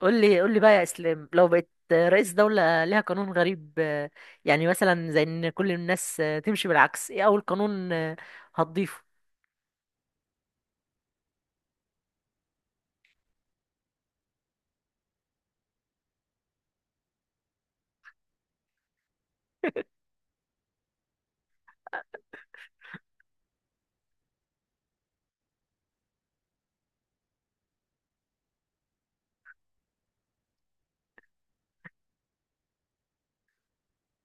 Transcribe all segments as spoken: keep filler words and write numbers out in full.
قول لي قول لي بقى يا اسلام، لو بقيت رئيس دولة ليها قانون غريب آه، يعني مثلا زي ان كل الناس آه، تمشي بالعكس. ايه اول قانون آه، هتضيفه؟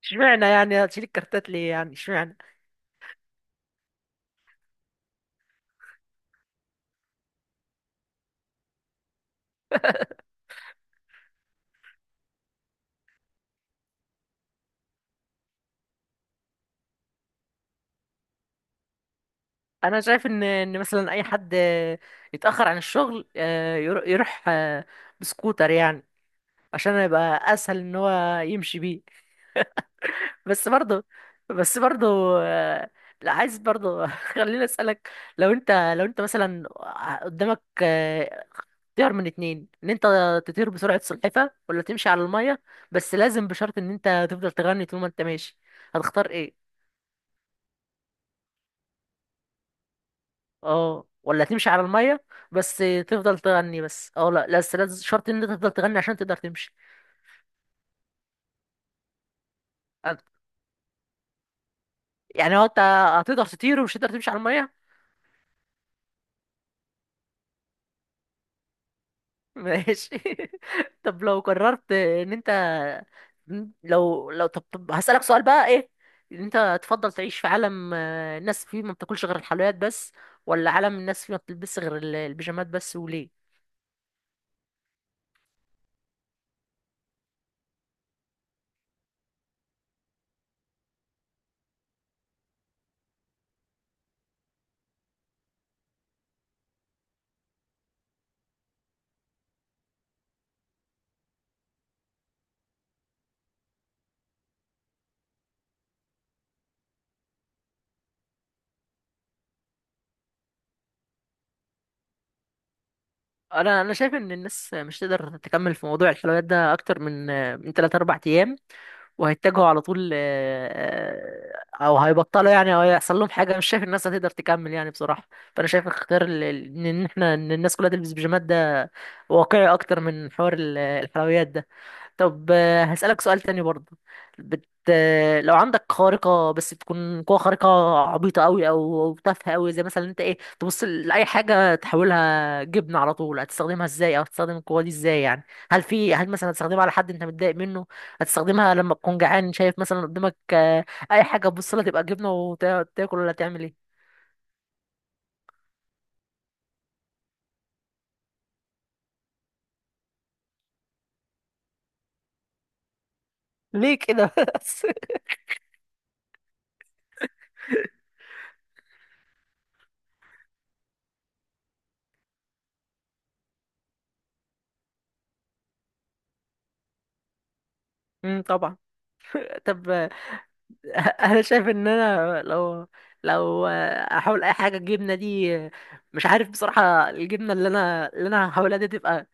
اشمعنى يعني هتشيل الكارتات ليه؟ يعني اشمعنى؟ انا شايف ان ان مثلا اي حد آه، يتاخر عن الشغل، آه، يرو- يروح آه، بسكوتر يعني، عشان يبقى اسهل ان هو يمشي بيه. بس برضه بس برضه، آه، لا عايز برضه. خليني اسالك. لو انت لو انت مثلا قدامك، تختار من اتنين: ان انت تطير بسرعة سلحفة، ولا تمشي على المية؟ بس لازم بشرط ان انت تفضل تغني طول ما انت ماشي. هتختار ايه؟ اه، ولا تمشي على المية؟ بس تفضل تغني. بس اه، لا، بس لازم شرط ان انت تفضل تغني عشان تقدر تمشي. أنت- يعني هو انت هتقدر تطير ومش هتقدر تمشي على المية؟ ماشي. طب لو قررت ان انت، لو لو طب, طب هسألك سؤال بقى: ايه ان انت تفضل تعيش في عالم آه، الناس فيه ما بتاكلش غير الحلويات بس، ولا عالم الناس فيه ما بتلبسش غير ال- البيجامات بس؟ وليه؟ انا انا شايف ان الناس مش تقدر تكمل في موضوع الحلويات ده اكتر من آه، من ثلاثة اربعة ايام، وهيتجهوا على طول آه، آه، او هيبطلوا يعني، او هيحصل لهم حاجه. مش شايف الناس هتقدر تكمل يعني بصراحه. فانا شايف اختيار ال- ال- ان احنا ان الناس كلها تلبس بيجامات ده واقعي اكتر من حوار ال- الحلويات ده. طب آه، هسألك سؤال تاني برضه. بت... آه، لو عندك خارقة، بس تكون قوة خارقة عبيطة أوي، أو أو تافهة أوي، زي مثلا أنت إيه تبص لأي حاجة تحولها جبنة على طول. هتستخدمها إزاي؟ أو هتستخدم القوة دي إزاي يعني؟ هل في هل مثلا هتستخدمها على حد أنت متضايق منه؟ هتستخدمها لما تكون جعان، شايف مثلا قدامك آه، أي حاجة تبص لها تبقى جبنة وتاكل، ولا تعمل إيه؟ ليه كده بس؟ امم طبعا. طب. انا شايف ان انا لو، لو احاول اي حاجه الجبنه دي، مش عارف بصراحه. الجبنه اللي انا اللي انا هحاولها دي تبقى،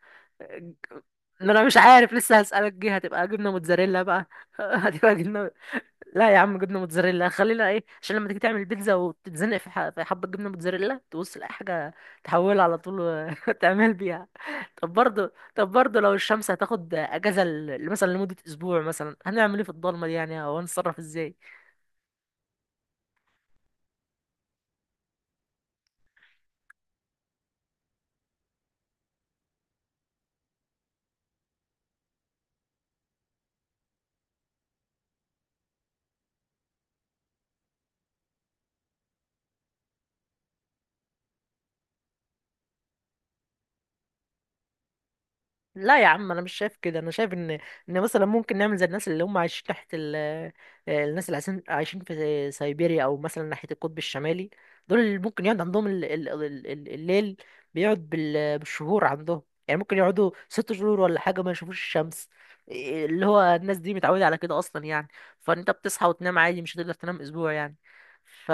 ان انا مش عارف لسه. هسألك، دي هتبقى جبنه موتزاريلا بقى؟ هتبقى جبنه. لا يا عم، جبنه موتزاريلا، خلينا ايه، عشان لما تيجي تعمل بيتزا وتتزنق في ح- في حبه جبنه موتزاريلا، تبص لاي حاجه تحولها على طول و- وتعمل بيها. طب برضه طب برضه لو الشمس هتاخد اجازه ل- مثلا لمده اسبوع مثلا، هنعمل ايه في الضلمه دي يعني؟ او هنتصرف ازاي؟ لا يا عم انا مش شايف كده. انا شايف ان ان مثلا ممكن نعمل زي الناس اللي هم عايشين تحت ال... الناس اللي عايشين عايشين في سيبيريا، او مثلا ناحيه القطب الشمالي. دول اللي ممكن يقعد عندهم ال... ال... ال... ال- الليل. بيقعد بال... بالشهور عندهم. يعني ممكن يقعدوا ست شهور ولا حاجه ما يشوفوش الشمس. إيه اللي هو الناس دي متعوده على كده اصلا يعني، فانت بتصحى وتنام عادي، مش هتقدر تنام اسبوع يعني. ف...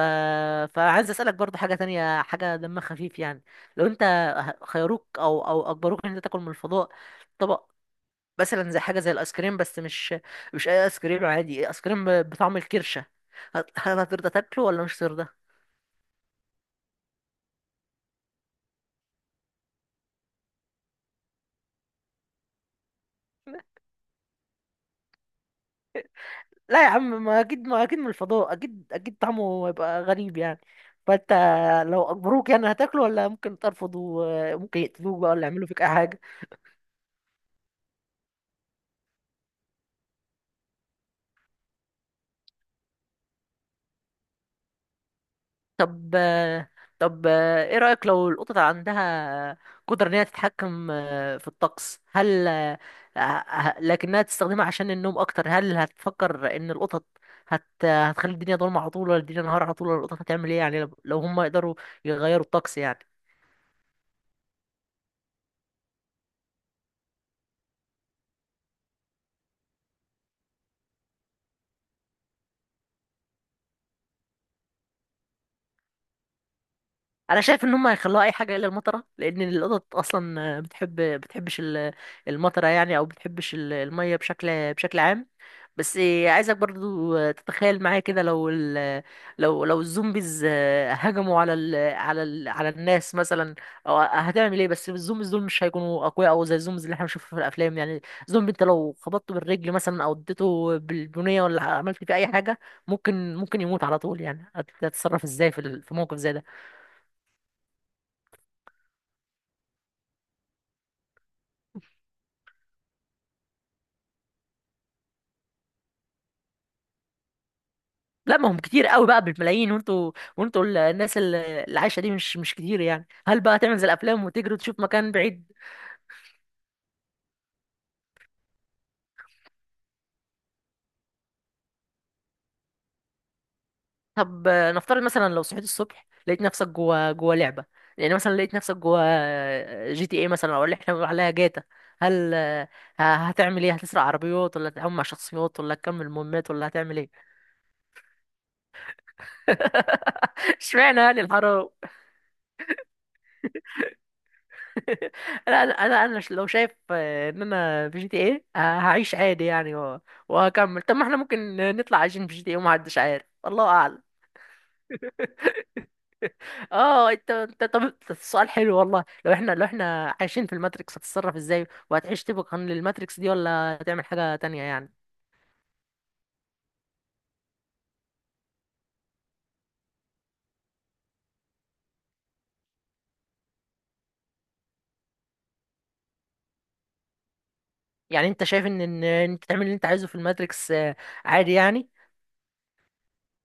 فعايز اسالك برضه حاجه تانية، حاجه دمها خفيف يعني. لو انت خيروك او او اجبروك ان انت تاكل من الفضاء طبق، مثلا زي حاجه زي الايس كريم، بس مش، مش اي ايس كريم عادي. ايس كريم ب- بطعم الكرشه. هت- هل هترضى تاكله ولا مش هترضى؟ لا يا عم، ما اكيد، ما اكيد من الفضاء اكيد اكيد طعمه هيبقى غريب يعني. فانت لو اجبروك يعني هتاكله؟ ولا ممكن ترفض وممكن يقتلوك بقى ولا يعملوا فيك اي حاجه؟ طب طب ايه رأيك لو القطط عندها قدرة ان هي تتحكم في الطقس؟ هل، ه- لكنها تستخدمها عشان النوم اكتر. هل هتفكر ان القطط هت... هتخلي الدنيا ضلمة على طول، ولا الدنيا نهار على طول، ولا القطط هتعمل ايه يعني لو لو هم يقدروا يغيروا الطقس يعني؟ انا شايف ان هم هيخلوها اي حاجه الا المطره، لان القطط اصلا بتحب، بتحبش ال- المطره يعني، او بتحبش ال- الميه بشكل بشكل عام. بس عايزك برضو تتخيل معايا كده. لو ال... لو لو الزومبيز هجموا على ال... على ال... على الناس مثلا، او هتعمل ايه؟ بس الزومبيز دول مش هيكونوا اقوياء او زي الزومبيز اللي احنا بنشوفها في الافلام يعني. زومبي انت لو خبطته بالرجل مثلا، او اديته بالبنيه، ولا عملت فيه اي حاجه ممكن ممكن يموت على طول يعني. هت- هتتصرف ازاي في ال- في موقف زي ده؟ لا ما هم كتير قوي بقى بالملايين، وانتوا وانتوا ال- الناس ال- اللي عايشه دي مش مش كتير يعني. هل بقى تعمل زي الافلام وتجري وتشوف مكان بعيد؟ طب آه، نفترض مثلا لو صحيت الصبح لقيت نفسك جوا، جوا لعبه. يعني مثلا لقيت نفسك جوا جي تي اي مثلا، او اللي احنا بنقول عليها جاتا. هل آه، ه- هتعمل ايه؟ هتسرق عربيات، ولا هتتعامل مع شخصيات، ولا هتكمل مهمات، ولا هتعمل ايه؟ اشمعنى يعني الحرام؟ انا انا انا لو شايف آه، ان انا في جي تي ايه، آه، هعيش عادي يعني و- وهكمل. طب ما احنا ممكن نطلع عايشين في جي تي ايه ومحدش عارف، الله اعلم. اه انت، انت طب أنت، السؤال حلو والله. لو احنا، لو احنا عايشين في الماتريكس، هتتصرف ازاي؟ وهتعيش طبقا للماتريكس دي، ولا هتعمل حاجة تانية يعني؟ يعني انت شايف ان ان إن انت تعمل اللي انت عايزه في الماتريكس آه، عادي يعني.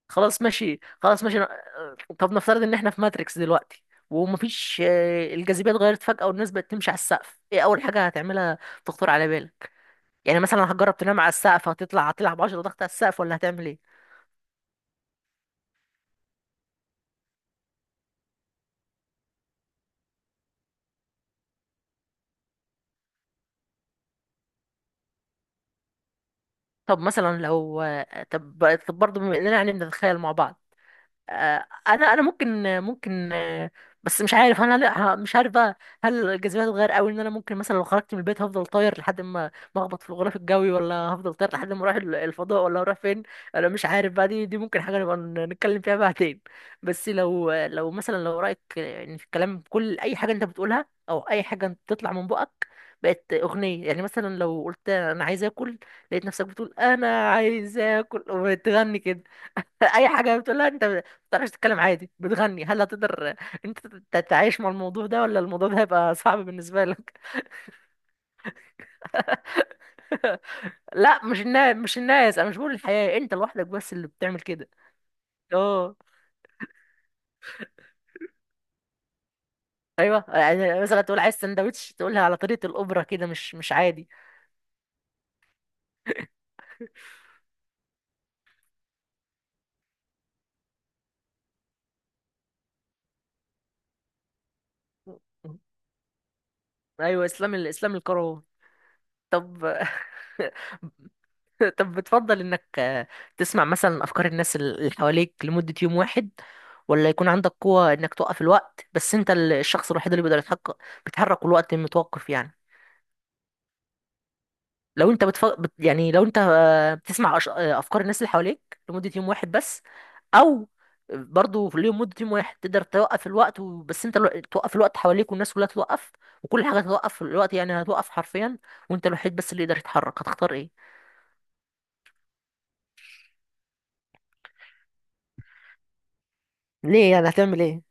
خلاص ماشي، خلاص ماشي، آه، طب نفترض ان احنا في ماتريكس دلوقتي، ومفيش آه، الجاذبيه اتغيرت فجاه والناس بقت تمشي على السقف. ايه اول حاجه هتعملها تخطر على بالك؟ يعني مثلا هتجرب تنام على السقف، هتطلع هتلعب 10 ضغط على السقف، ولا هتعمل ايه؟ طب مثلا لو آه، طب طب برضه، بما اننا يعني بنتخيل مع بعض آه، انا انا ممكن، ممكن آه، بس مش عارف انا، لا مش عارف بقى. هل الجاذبيه هتتغير قوي ان انا ممكن مثلا لو خرجت من البيت هفضل طاير لحد ما ما اخبط في الغلاف الجوي، ولا هفضل طاير لحد ما اروح ال- الفضاء، ولا هروح فين؟ انا مش عارف بقى. دي دي ممكن حاجه نبقى ن- نتكلم فيها بعدين. بس لو، لو مثلا، لو رايك يعني في الكلام، كل اي حاجه انت بتقولها او اي حاجه انت بتطلع من بقك بقت اغنيه، يعني مثلا لو قلت انا عايز اكل، لقيت نفسك بتقول انا عايز اكل وتغني كده. اي حاجه بتقولها انت تعرفش تتكلم عادي، بتغني. هل هتقدر انت تتعايش مع الموضوع ده، ولا الموضوع ده هيبقى صعب بالنسبه لك؟ لا، مش الناس مش الناس. انا مش بقول الحياه، انت لوحدك بس اللي بتعمل كده. اه. ايوه، يعني مثلا تقول عايز سندوتش تقولها على طريقه الاوبرا كده، مش، مش عادي. ايوه اسلام ال- اسلام القرار. طب. طب بتفضل انك آه، تسمع مثلا افكار الناس اللي حواليك لمدة يوم واحد، ولا يكون عندك قوة انك توقف الوقت، بس انت ال- الشخص الوحيد اللي بيقدر يتحقق، بيتحرك والوقت متوقف يعني؟ لو انت بتف... بت... يعني لو انت آه، بتسمع أش- آه، افكار الناس اللي حواليك لمدة يوم واحد بس، او برضه في اليوم مدة يوم واحد تقدر توقف الوقت، و... بس انت الو- توقف الوقت حواليك والناس كلها توقف، وكل حاجة هتوقف في الوقت يعني هتوقف حرفيا، وانت الوحيد بس اللي يقدر يتحرك. هتختار ايه؟ ليه يعني؟ هتعمل ايه؟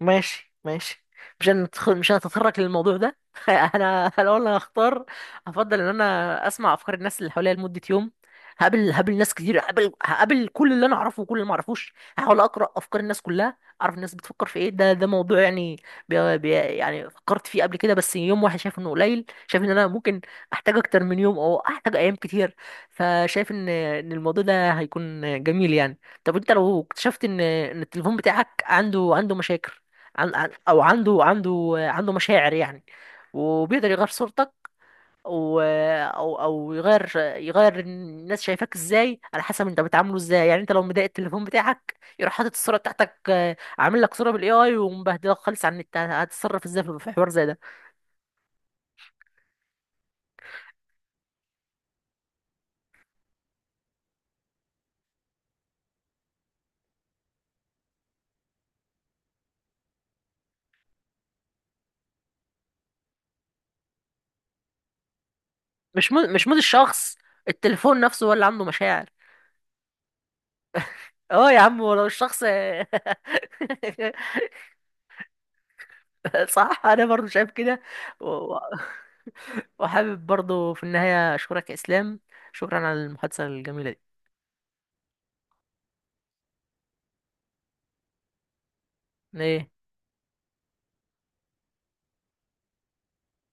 ماشي، ماشي. مش هندخل مش هنتطرق للموضوع ده. انا لو انا هختار، افضل ان انا اسمع افكار الناس اللي حواليا لمده يوم. هقابل هقابل ناس كتير، هقابل هقابل كل اللي انا اعرفه وكل اللي ما اعرفوش. هحاول اقرا افكار الناس كلها، اعرف الناس بتفكر في ايه. ده ده موضوع يعني بي بي يعني فكرت فيه قبل كده، بس يوم واحد شايف انه قليل. شايف ان انا ممكن احتاج اكتر من يوم، او احتاج ايام كتير. فشايف ان ان الموضوع ده هيكون جميل يعني. طب انت لو اكتشفت ان ان التليفون بتاعك عنده عنده مشاكل، عن عن او عنده، عنده عنده مشاعر يعني، وبيقدر يغير صورتك و او او يغير، يغير الناس شايفاك ازاي على حسب انت بتعامله ازاي يعني. انت لو مضايق التليفون بتاعك يروح حاطط الصوره بتاعتك آه، عامل لك صوره بالاي اي ومبهدلك خالص عن النت. هتتصرف ازاي في في حوار زي ده؟ مش مود مش مود الشخص، التليفون نفسه هو اللي عنده مشاعر. اه يا عم ولو الشخص صح، انا برضو شايف كده. و... و- وحابب برضو في النهاية اشكرك يا اسلام، شكرا على المحادثة الجميلة دي. ايه؟